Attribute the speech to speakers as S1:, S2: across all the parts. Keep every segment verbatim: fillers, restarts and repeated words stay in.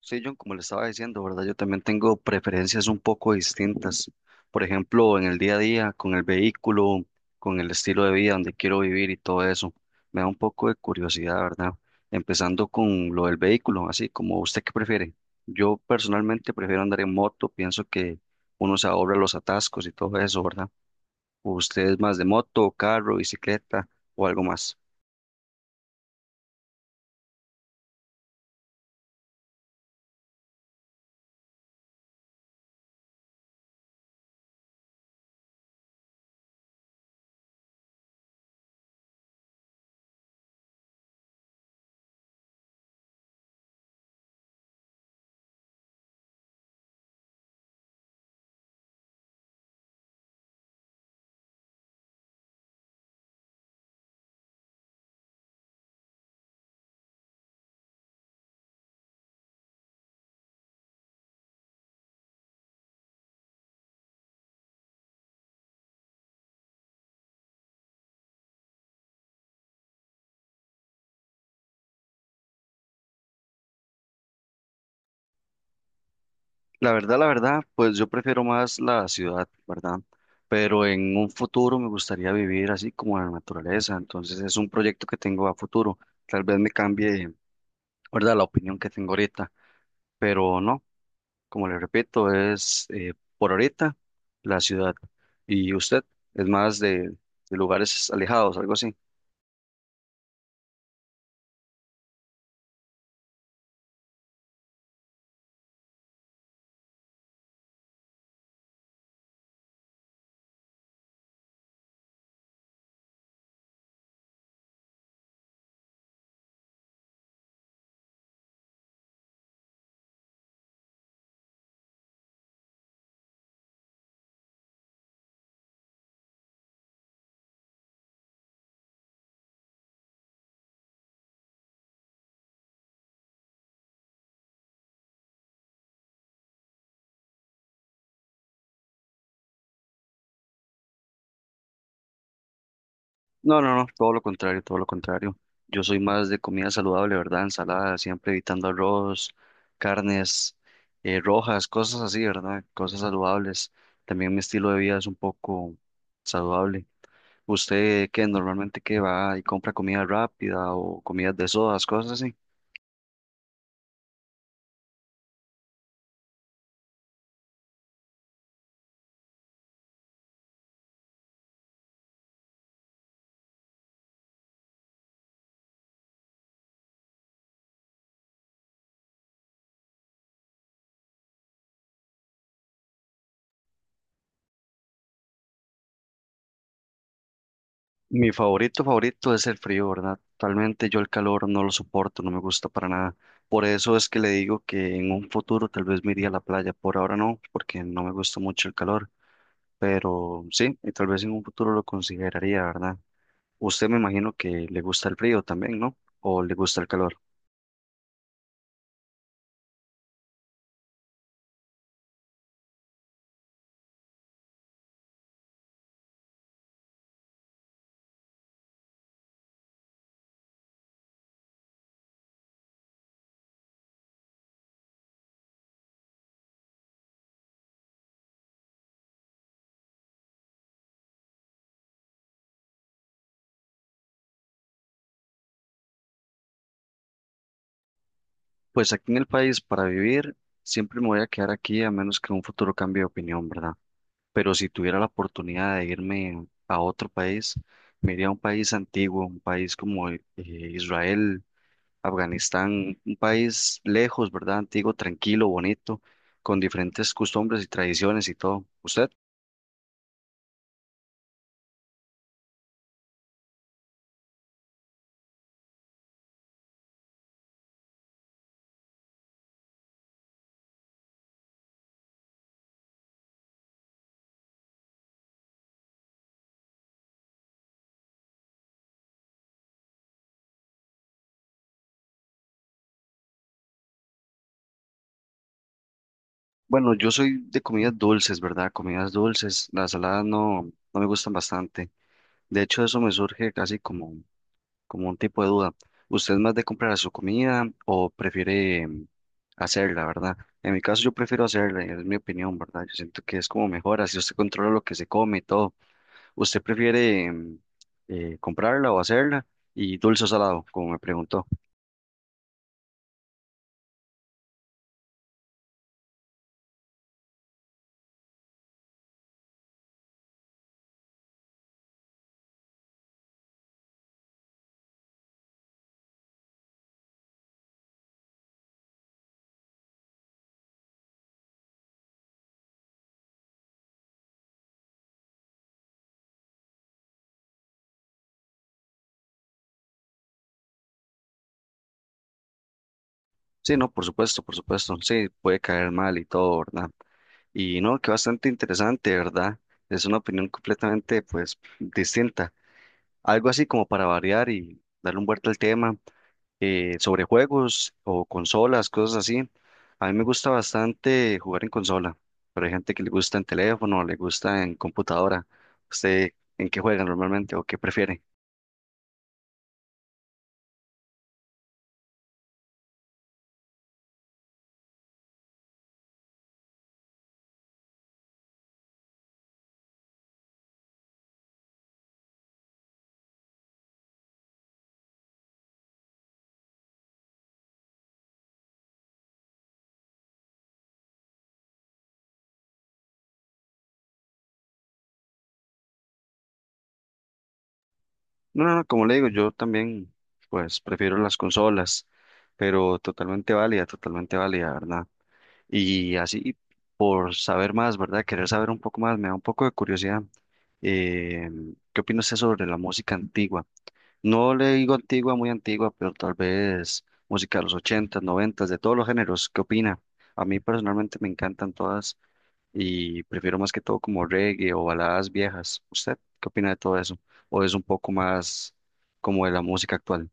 S1: Sí, John, como le estaba diciendo, ¿verdad? Yo también tengo preferencias un poco distintas. Por ejemplo, en el día a día, con el vehículo, con el estilo de vida, donde quiero vivir y todo eso. Me da un poco de curiosidad, ¿verdad? Empezando con lo del vehículo, así como usted qué prefiere. Yo personalmente prefiero andar en moto, pienso que uno se ahorra los atascos y todo eso, ¿verdad? ¿Usted es más de moto, carro, bicicleta o algo más? La verdad, la verdad, pues yo prefiero más la ciudad, ¿verdad? Pero en un futuro me gustaría vivir así como en la naturaleza, entonces es un proyecto que tengo a futuro. Tal vez me cambie, ¿verdad? La opinión que tengo ahorita, pero no, como le repito, es eh, por ahorita la ciudad. ¿Y usted es más de, de lugares alejados, algo así? No, no, no, todo lo contrario, todo lo contrario. Yo soy más de comida saludable, ¿verdad? Ensalada, siempre evitando arroz, carnes eh, rojas, cosas así, ¿verdad? Cosas saludables. También mi estilo de vida es un poco saludable. ¿Usted qué normalmente qué va y compra comida rápida o comidas de sodas, cosas así? Mi favorito, favorito es el frío, ¿verdad? Totalmente yo el calor no lo soporto, no me gusta para nada. Por eso es que le digo que en un futuro tal vez me iría a la playa. Por ahora no, porque no me gusta mucho el calor. Pero sí, y tal vez en un futuro lo consideraría, ¿verdad? Usted me imagino que le gusta el frío también, ¿no? ¿O le gusta el calor? Pues aquí en el país, para vivir, siempre me voy a quedar aquí a menos que en un futuro cambie de opinión, ¿verdad? Pero si tuviera la oportunidad de irme a otro país, me iría a un país antiguo, un país como eh, Israel, Afganistán, un país lejos, ¿verdad? Antiguo, tranquilo, bonito, con diferentes costumbres y tradiciones y todo. ¿Usted? Bueno, yo soy de comidas dulces, ¿verdad? Comidas dulces. Las saladas no, no me gustan bastante. De hecho, eso me surge casi como, como un tipo de duda. ¿Usted es más de comprar su comida o prefiere em, hacerla, verdad? En mi caso, yo prefiero hacerla, es mi opinión, ¿verdad? Yo siento que es como mejor, así usted controla lo que se come y todo. ¿Usted prefiere em, eh, comprarla o hacerla? Y dulce o salado, como me preguntó. Sí, no, por supuesto, por supuesto. Sí, puede caer mal y todo, ¿verdad? Y no, que bastante interesante, ¿verdad? Es una opinión completamente, pues, distinta. Algo así como para variar y darle un vuelta al tema eh, sobre juegos o consolas, cosas así. A mí me gusta bastante jugar en consola, pero hay gente que le gusta en teléfono, le gusta en computadora. ¿Usted en qué juega normalmente o qué prefiere? No, no, no, como le digo, yo también, pues, prefiero las consolas, pero totalmente válida, totalmente válida, ¿verdad? Y así, por saber más, ¿verdad? Querer saber un poco más, me da un poco de curiosidad. Eh, ¿Qué opina usted sobre la música antigua? No le digo antigua, muy antigua, pero tal vez música de los ochentas noventas de todos los géneros. ¿Qué opina? A mí personalmente me encantan todas y prefiero más que todo como reggae o baladas viejas. ¿Usted qué opina de todo eso? ¿O es un poco más como de la música actual?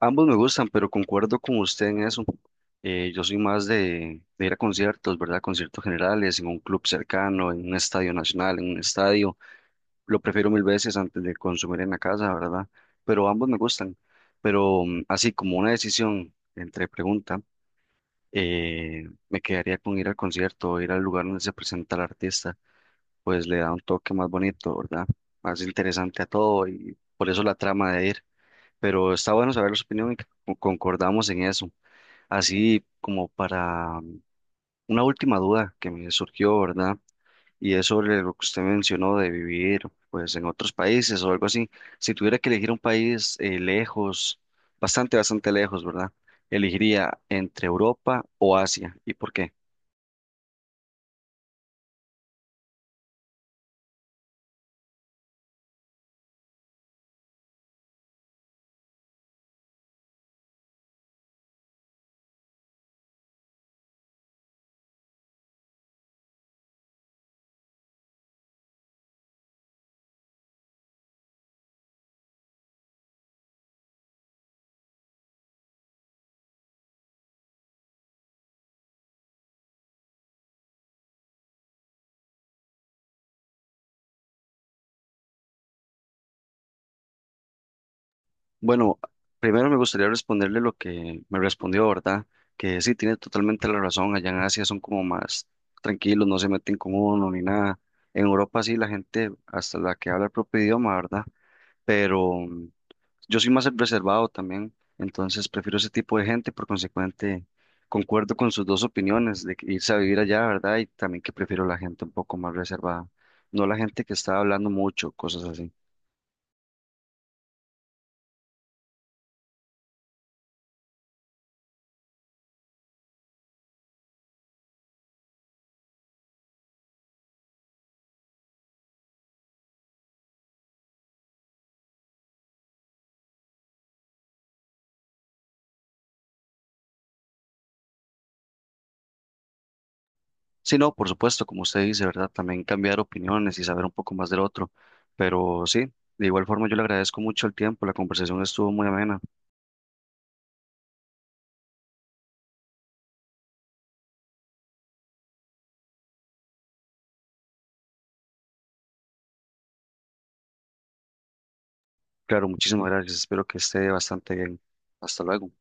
S1: Ambos me gustan, pero concuerdo con usted en eso. Eh, yo soy más de, de ir a conciertos, ¿verdad? Conciertos generales, en un club cercano, en un estadio nacional, en un estadio. Lo prefiero mil veces antes de consumir en la casa, ¿verdad? Pero ambos me gustan. Pero mm, así como una decisión entre pregunta, eh, me quedaría con ir al concierto, ir al lugar donde se presenta el artista, pues le da un toque más bonito, ¿verdad? Más interesante a todo y por eso la trama de ir, pero está bueno saber su opinión y que co- concordamos en eso. Así como para mm, una última duda que me surgió, ¿verdad? Y es sobre lo que usted mencionó de vivir pues en otros países o algo así. Si tuviera que elegir un país eh, lejos, bastante, bastante lejos, ¿verdad? Elegiría entre Europa o Asia. ¿Y por qué? Bueno, primero me gustaría responderle lo que me respondió, ¿verdad? Que sí, tiene totalmente la razón. Allá en Asia son como más tranquilos, no se meten con uno ni nada. En Europa sí, la gente, hasta la que habla el propio idioma, ¿verdad? Pero mm, yo soy más reservado también, entonces prefiero ese tipo de gente. Por consecuente, concuerdo con sus dos opiniones de que irse a vivir allá, ¿verdad? Y también que prefiero la gente un poco más reservada, no la gente que está hablando mucho, cosas así. Sí, no, por supuesto, como usted dice, ¿verdad? También cambiar opiniones y saber un poco más del otro. Pero sí, de igual forma yo le agradezco mucho el tiempo, la conversación estuvo muy amena. Claro, muchísimas gracias, espero que esté bastante bien. Hasta luego.